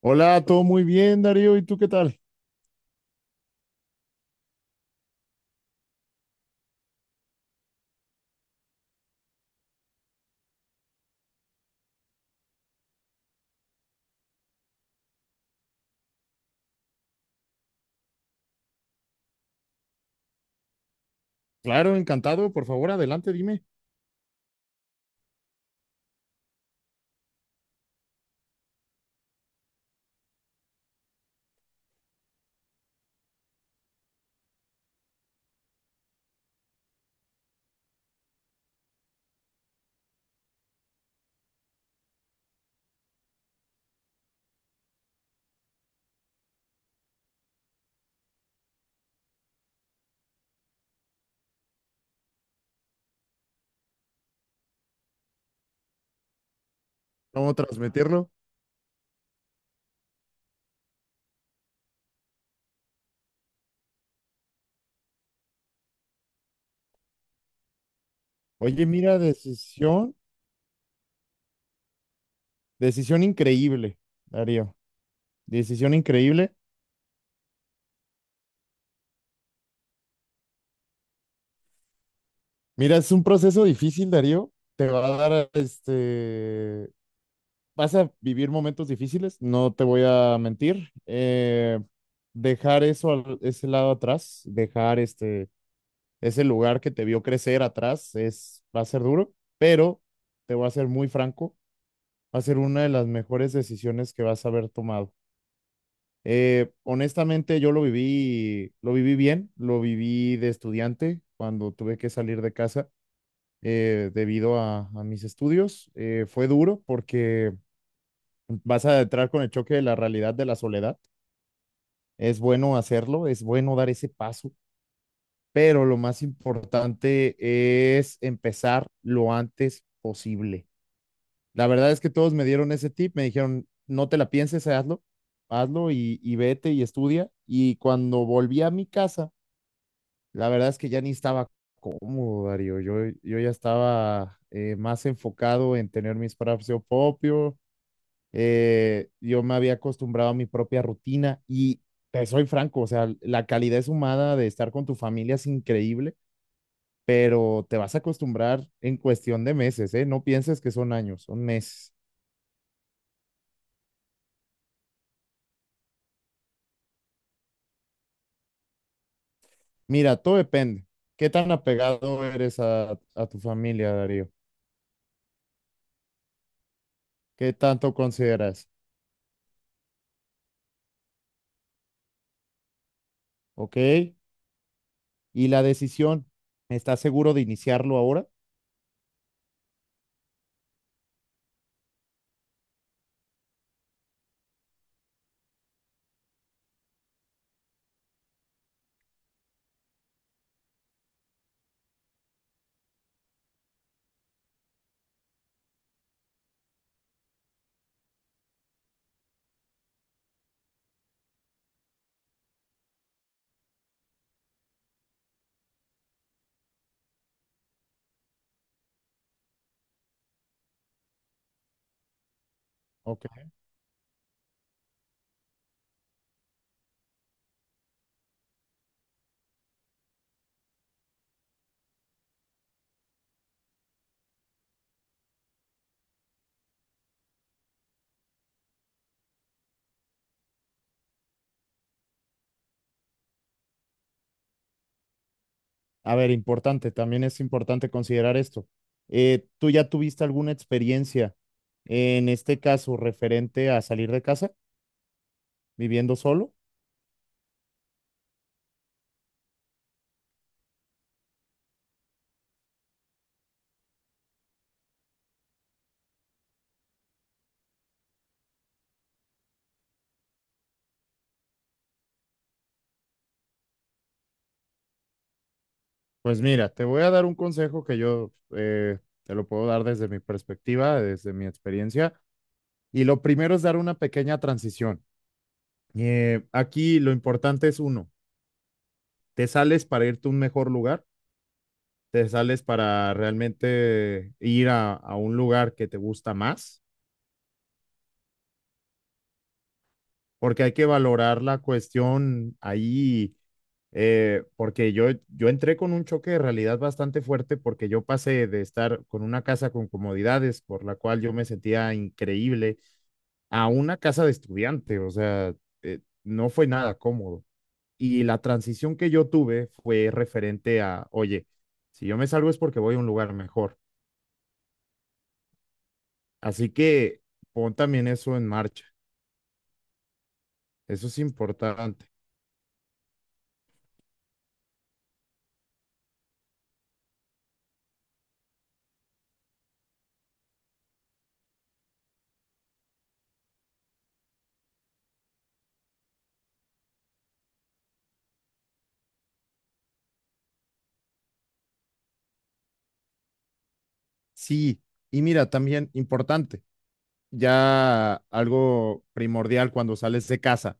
Hola, todo muy bien, Darío. ¿Y tú qué tal? Claro, encantado. Por favor, adelante, dime cómo transmitirlo. Oye, mira, decisión, decisión increíble, Darío. Decisión increíble. Mira, es un proceso difícil, Darío. Te va a dar, vas a vivir momentos difíciles, no te voy a mentir. Dejar eso, ese lado atrás, dejar ese lugar que te vio crecer atrás, es, va a ser duro, pero te voy a ser muy franco. Va a ser una de las mejores decisiones que vas a haber tomado. Honestamente, yo lo viví bien, lo viví de estudiante cuando tuve que salir de casa debido a mis estudios. Fue duro porque vas a entrar con el choque de la realidad de la soledad. Es bueno hacerlo, es bueno dar ese paso, pero lo más importante es empezar lo antes posible. La verdad es que todos me dieron ese tip, me dijeron, no te la pienses, hazlo, hazlo y vete y estudia. Y cuando volví a mi casa, la verdad es que ya ni estaba cómodo, Darío. Yo ya estaba más enfocado en tener mi espacio propio. Yo me había acostumbrado a mi propia rutina y te soy franco, o sea, la calidez humana de estar con tu familia es increíble, pero te vas a acostumbrar en cuestión de meses, ¿eh? No pienses que son años, son meses. Mira, todo depende. ¿Qué tan apegado eres a tu familia, Darío? ¿Qué tanto consideras? ¿Ok? Y la decisión, ¿estás seguro de iniciarlo ahora? Ok. A ver, importante, también es importante considerar esto. ¿Tú ya tuviste alguna experiencia en este caso referente a salir de casa viviendo solo? Pues mira, te voy a dar un consejo que yo te lo puedo dar desde mi perspectiva, desde mi experiencia. Y lo primero es dar una pequeña transición. Aquí lo importante es uno, te sales para irte a un mejor lugar, te sales para realmente ir a un lugar que te gusta más, porque hay que valorar la cuestión ahí, porque yo entré con un choque de realidad bastante fuerte porque yo pasé de estar con una casa con comodidades, por la cual yo me sentía increíble, a una casa de estudiante, o sea, no fue nada cómodo. Y la transición que yo tuve fue referente a, oye, si yo me salgo es porque voy a un lugar mejor. Así que pon también eso en marcha. Eso es importante. Sí, y mira, también importante, ya algo primordial cuando sales de casa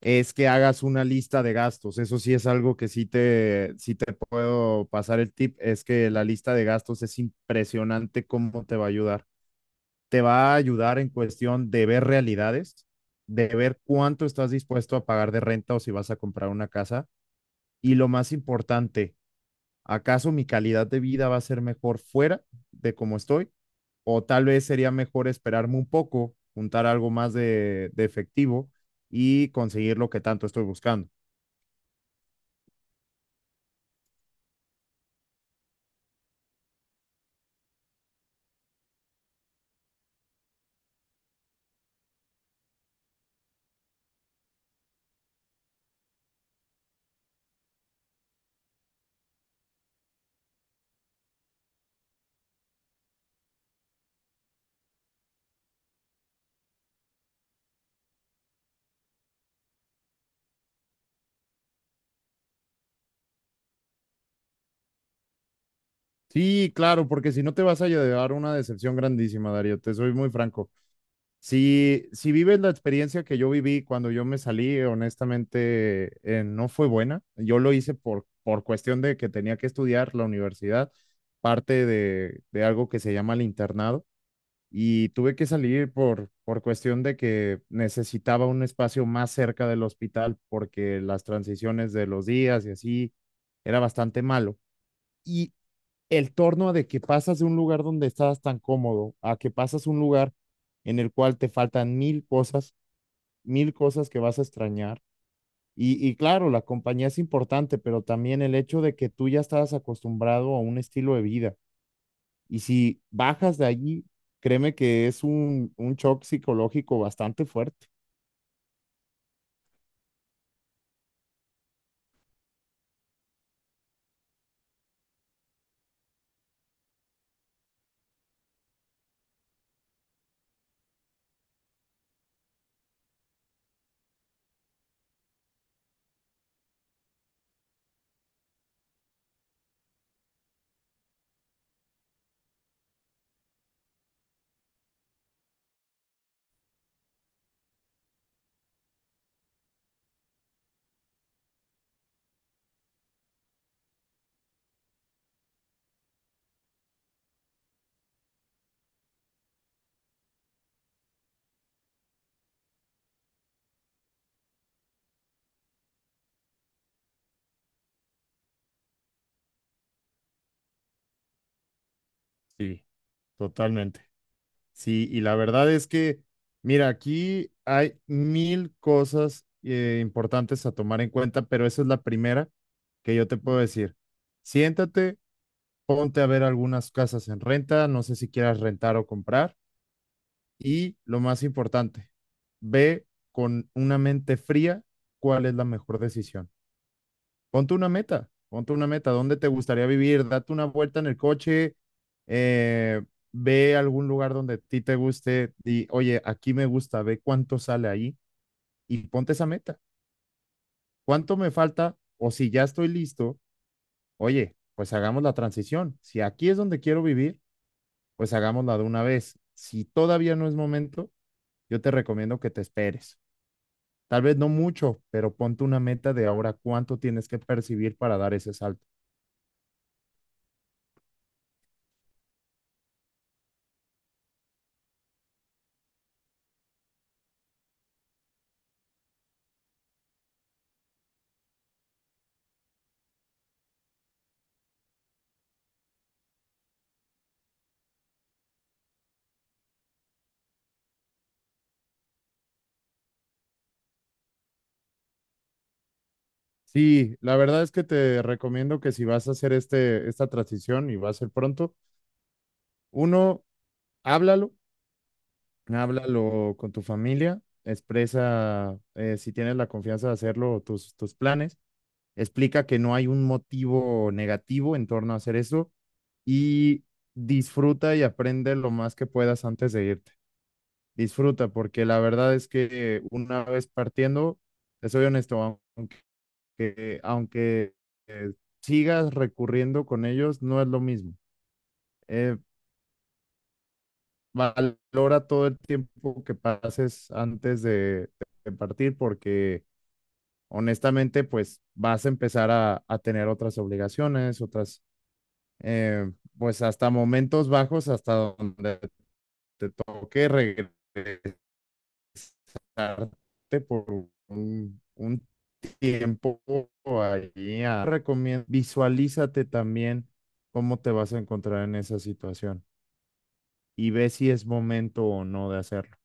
es que hagas una lista de gastos. Eso sí es algo que sí te puedo pasar el tip, es que la lista de gastos es impresionante cómo te va a ayudar. Te va a ayudar en cuestión de ver realidades, de ver cuánto estás dispuesto a pagar de renta o si vas a comprar una casa. Y lo más importante, ¿acaso mi calidad de vida va a ser mejor fuera de cómo estoy? O tal vez sería mejor esperarme un poco, juntar algo más de efectivo y conseguir lo que tanto estoy buscando. Sí, claro, porque si no te vas a llevar una decepción grandísima, Darío, te soy muy franco. Si vives la experiencia que yo viví cuando yo me salí, honestamente, no fue buena. Yo lo hice por cuestión de que tenía que estudiar la universidad, parte de algo que se llama el internado, y tuve que salir por cuestión de que necesitaba un espacio más cerca del hospital porque las transiciones de los días y así era bastante malo. Y el torno de que pasas de un lugar donde estás tan cómodo a que pasas un lugar en el cual te faltan mil cosas que vas a extrañar. Y claro, la compañía es importante, pero también el hecho de que tú ya estabas acostumbrado a un estilo de vida. Y si bajas de allí, créeme que es un shock psicológico bastante fuerte. Sí, totalmente. Sí, y la verdad es que, mira, aquí hay mil cosas importantes a tomar en cuenta, pero esa es la primera que yo te puedo decir. Siéntate, ponte a ver algunas casas en renta, no sé si quieras rentar o comprar, y lo más importante, ve con una mente fría cuál es la mejor decisión. Ponte una meta, ¿dónde te gustaría vivir? Date una vuelta en el coche, eh, ve a algún lugar donde a ti te guste y, oye, aquí me gusta, ve cuánto sale ahí y ponte esa meta. ¿Cuánto me falta? O si ya estoy listo, oye, pues hagamos la transición. Si aquí es donde quiero vivir, pues hagámosla de una vez. Si todavía no es momento, yo te recomiendo que te esperes. Tal vez no mucho, pero ponte una meta de ahora cuánto tienes que percibir para dar ese salto. Sí, la verdad es que te recomiendo que si vas a hacer esta transición y va a ser pronto, uno, háblalo, háblalo con tu familia, expresa si tienes la confianza de hacerlo, tus planes, explica que no hay un motivo negativo en torno a hacer eso y disfruta y aprende lo más que puedas antes de irte. Disfruta, porque la verdad es que una vez partiendo, te soy honesto, que aunque eh, sigas recurriendo con ellos, no es lo mismo. Eh, Valora todo el tiempo que pases antes de partir porque honestamente pues vas a empezar a tener otras obligaciones, otras, eh, pues hasta momentos bajos, hasta donde te toque regresarte por un tiempo ahí. Recomiendo, visualízate también cómo te vas a encontrar en esa situación y ve si es momento o no de hacerlo.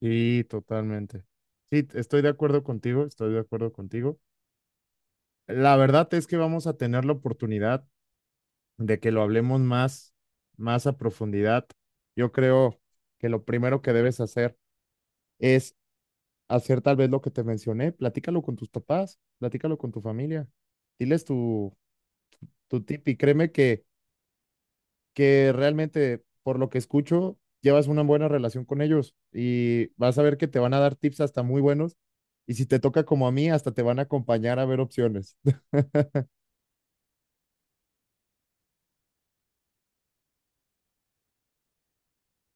Sí, totalmente. Sí, estoy de acuerdo contigo, estoy de acuerdo contigo. La verdad es que vamos a tener la oportunidad de que lo hablemos más, más a profundidad. Yo creo que lo primero que debes hacer es hacer tal vez lo que te mencioné, platícalo con tus papás, platícalo con tu familia, diles tu, tu tip y créeme que realmente, por lo que escucho, llevas una buena relación con ellos y vas a ver que te van a dar tips hasta muy buenos. Y si te toca como a mí, hasta te van a acompañar a ver opciones.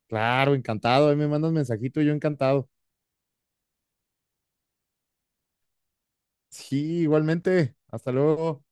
Claro, encantado. Ahí me mandas mensajito, yo encantado. Sí, igualmente. Hasta luego.